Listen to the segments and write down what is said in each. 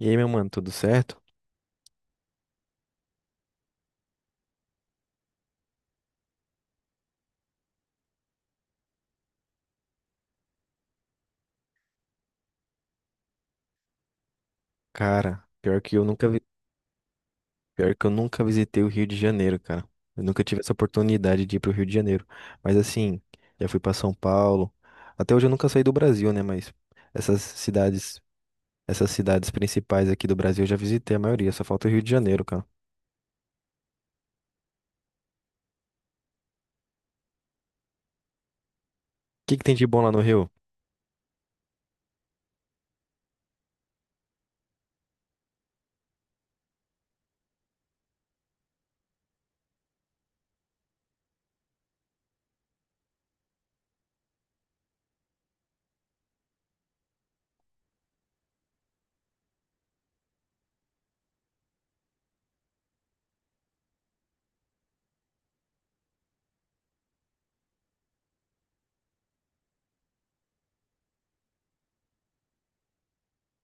E aí, meu mano, tudo certo? Cara, pior que eu nunca visitei o Rio de Janeiro, cara. Eu nunca tive essa oportunidade de ir pro Rio de Janeiro. Mas assim, já fui pra São Paulo. Até hoje eu nunca saí do Brasil, né? Mas essas cidades, essas cidades principais aqui do Brasil eu já visitei a maioria. Só falta o Rio de Janeiro, cara. O que que tem de bom lá no Rio?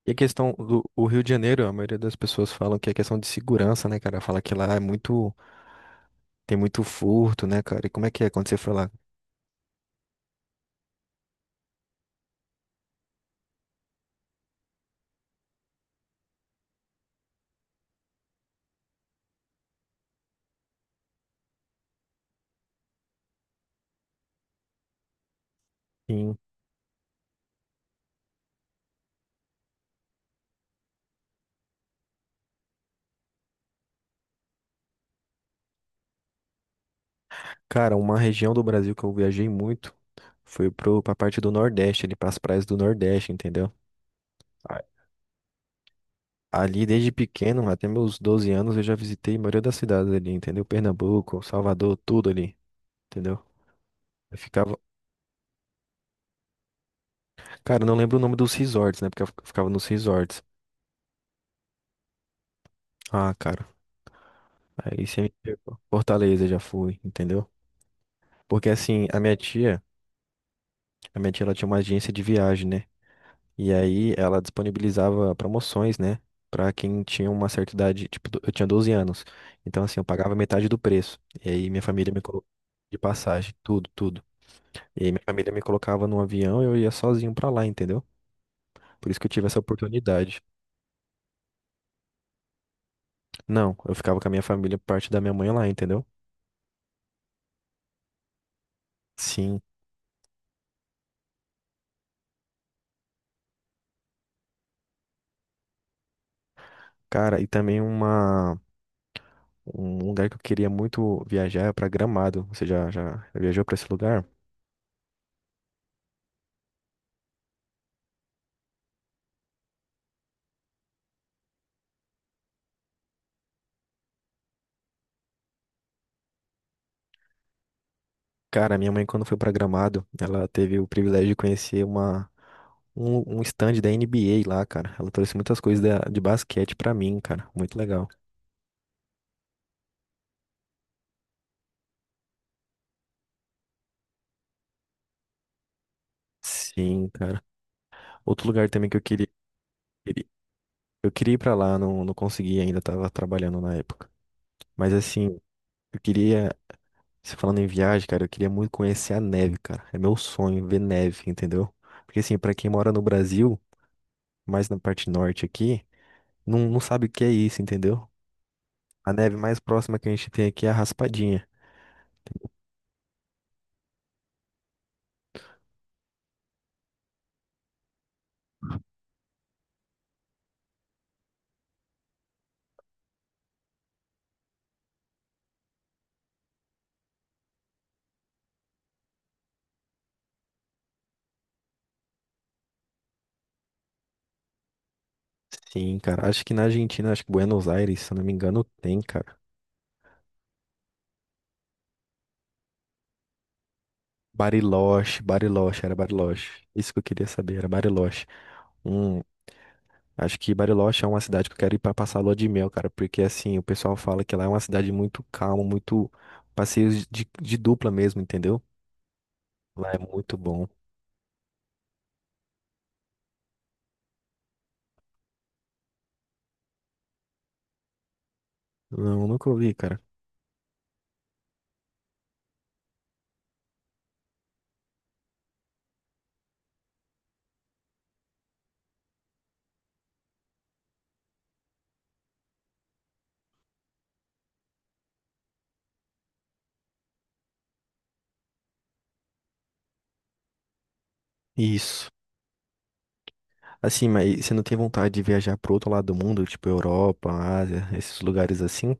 E a questão do o Rio de Janeiro, a maioria das pessoas falam que é questão de segurança, né, cara? Fala que lá tem muito furto, né, cara? E como é que é quando você foi lá? Cara, uma região do Brasil que eu viajei muito foi pra parte do Nordeste, ali pras praias do Nordeste, entendeu? A- Ali, desde pequeno, até meus 12 anos, eu já visitei a maioria das cidades ali, entendeu? Pernambuco, Salvador, tudo ali, entendeu? Eu ficava... Cara, eu não lembro o nome dos resorts, né? Porque eu ficava nos resorts. Ah, cara, aí você me pegou. Fortaleza já fui, entendeu? Porque assim, a minha tia, ela tinha uma agência de viagem, né? E aí ela disponibilizava promoções, né? Pra quem tinha uma certa idade, tipo, eu tinha 12 anos. Então, assim, eu pagava metade do preço. E aí minha família me colocou de passagem, tudo, tudo. E aí minha família me colocava num avião e eu ia sozinho pra lá, entendeu? Por isso que eu tive essa oportunidade. Não, eu ficava com a minha família, parte da minha mãe lá, entendeu? Sim. Cara, e também um lugar que eu queria muito viajar é pra Gramado. Você já viajou pra esse lugar? Cara, minha mãe, quando foi pra Gramado, ela teve o privilégio de conhecer um stand da NBA lá, cara. Ela trouxe muitas coisas de basquete pra mim, cara. Muito legal. Sim, cara. Outro lugar também que queria- eu queria ir pra lá, não, não consegui ainda, tava trabalhando na época. Mas assim, eu queria, se falando em viagem, cara, eu queria muito conhecer a neve, cara. É meu sonho ver neve, entendeu? Porque assim, pra quem mora no Brasil, mais na parte norte aqui, não, não sabe o que é isso, entendeu? A neve mais próxima que a gente tem aqui é a raspadinha. Sim, cara. Acho que na Argentina, acho que Buenos Aires, se eu não me engano, tem, cara. Bariloche, Bariloche, era Bariloche. Isso que eu queria saber, era Bariloche. Hum, Acho que Bariloche é uma cidade que eu quero ir pra passar a lua de mel, cara. Porque assim, o pessoal fala que lá é uma cidade muito calma, muito passeios de dupla mesmo, entendeu? Lá é muito bom. Não, nunca ouvi, cara. Isso. Assim, mas você não tem vontade de viajar pro outro lado do mundo, tipo Europa, Ásia, esses lugares assim?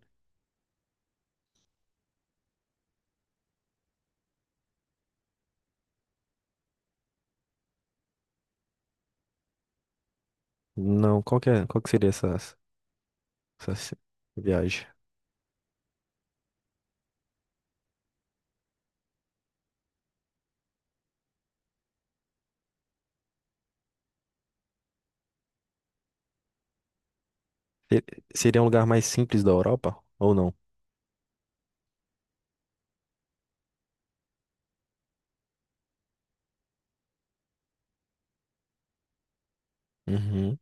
Não, qual que seria essa viagem? Se- Seria um lugar mais simples da Europa ou não? Uhum.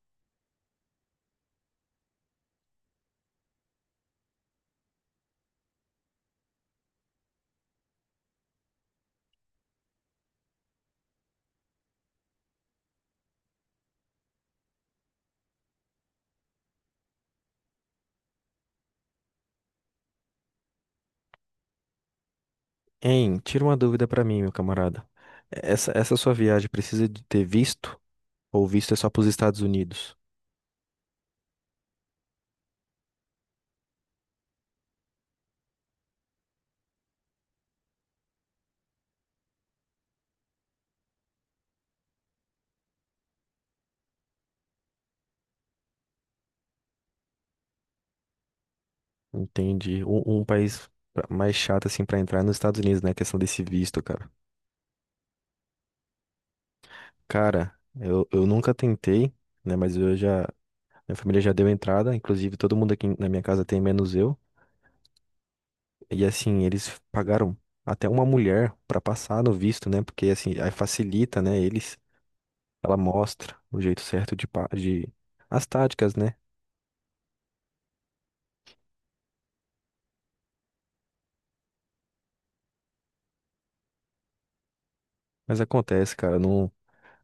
Hein, tira uma dúvida pra mim, meu camarada. Essa sua viagem precisa de ter visto ou visto é só pros Estados Unidos? Entendi. Um país mais chato assim pra entrar é nos Estados Unidos, né? A questão desse visto, cara. Cara, eu nunca tentei, né? Mas minha família já deu entrada, inclusive todo mundo aqui na minha casa tem, menos eu. E assim, eles pagaram até uma mulher pra passar no visto, né? Porque assim, aí facilita, né, eles. Ela mostra o jeito certo de as táticas, né? Mas acontece, cara, não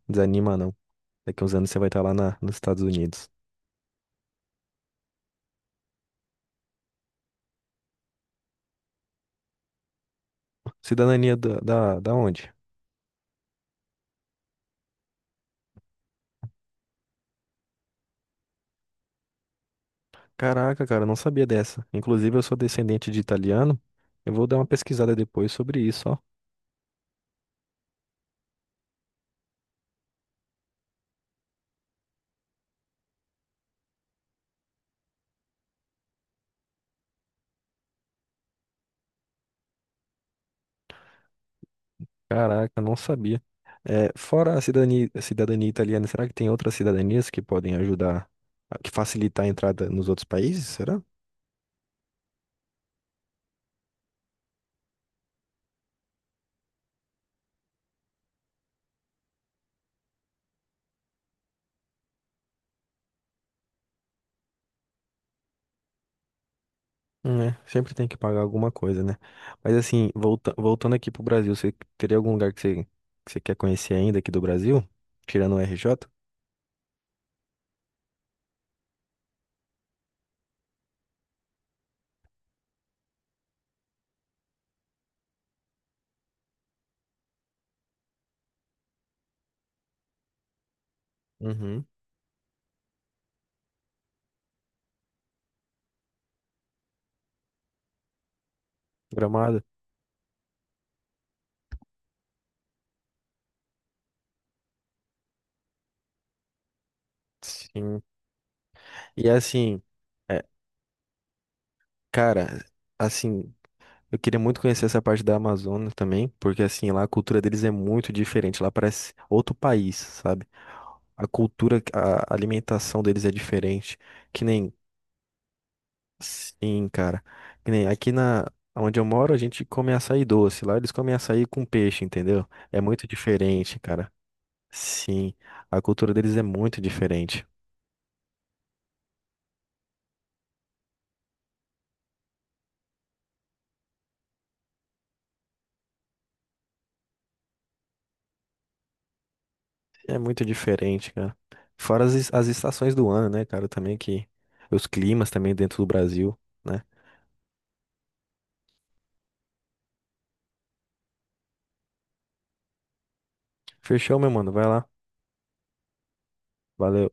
desanima não. Daqui uns anos você vai estar lá nos Estados Unidos. Cidadania da onde? Caraca, cara, eu não sabia dessa. Inclusive, eu sou descendente de italiano. Eu vou dar uma pesquisada depois sobre isso, ó. Caraca, não sabia. É, fora a cidadania italiana, será que tem outras cidadanias que podem ajudar, que facilitar a entrada nos outros países? Será? Né? Sempre tem que pagar alguma coisa, né? Mas assim, voltando aqui pro Brasil, você teria algum lugar que você quer conhecer ainda aqui do Brasil? Tirando o RJ? Uhum. Gramado? Sim. E assim, é, cara, assim, eu queria muito conhecer essa parte da Amazônia também, porque assim, lá a cultura deles é muito diferente, lá parece outro país, sabe? A cultura, a alimentação deles é diferente, que nem Sim, cara. Que nem aqui na onde eu moro, a gente come açaí doce. Lá eles comem açaí com peixe, entendeu? É muito diferente, cara. Sim, a cultura deles é muito diferente. É muito diferente, cara. Fora as estações do ano, né, cara? Também que os climas também dentro do Brasil, né? Fechou, meu mano. Vai lá. Valeu.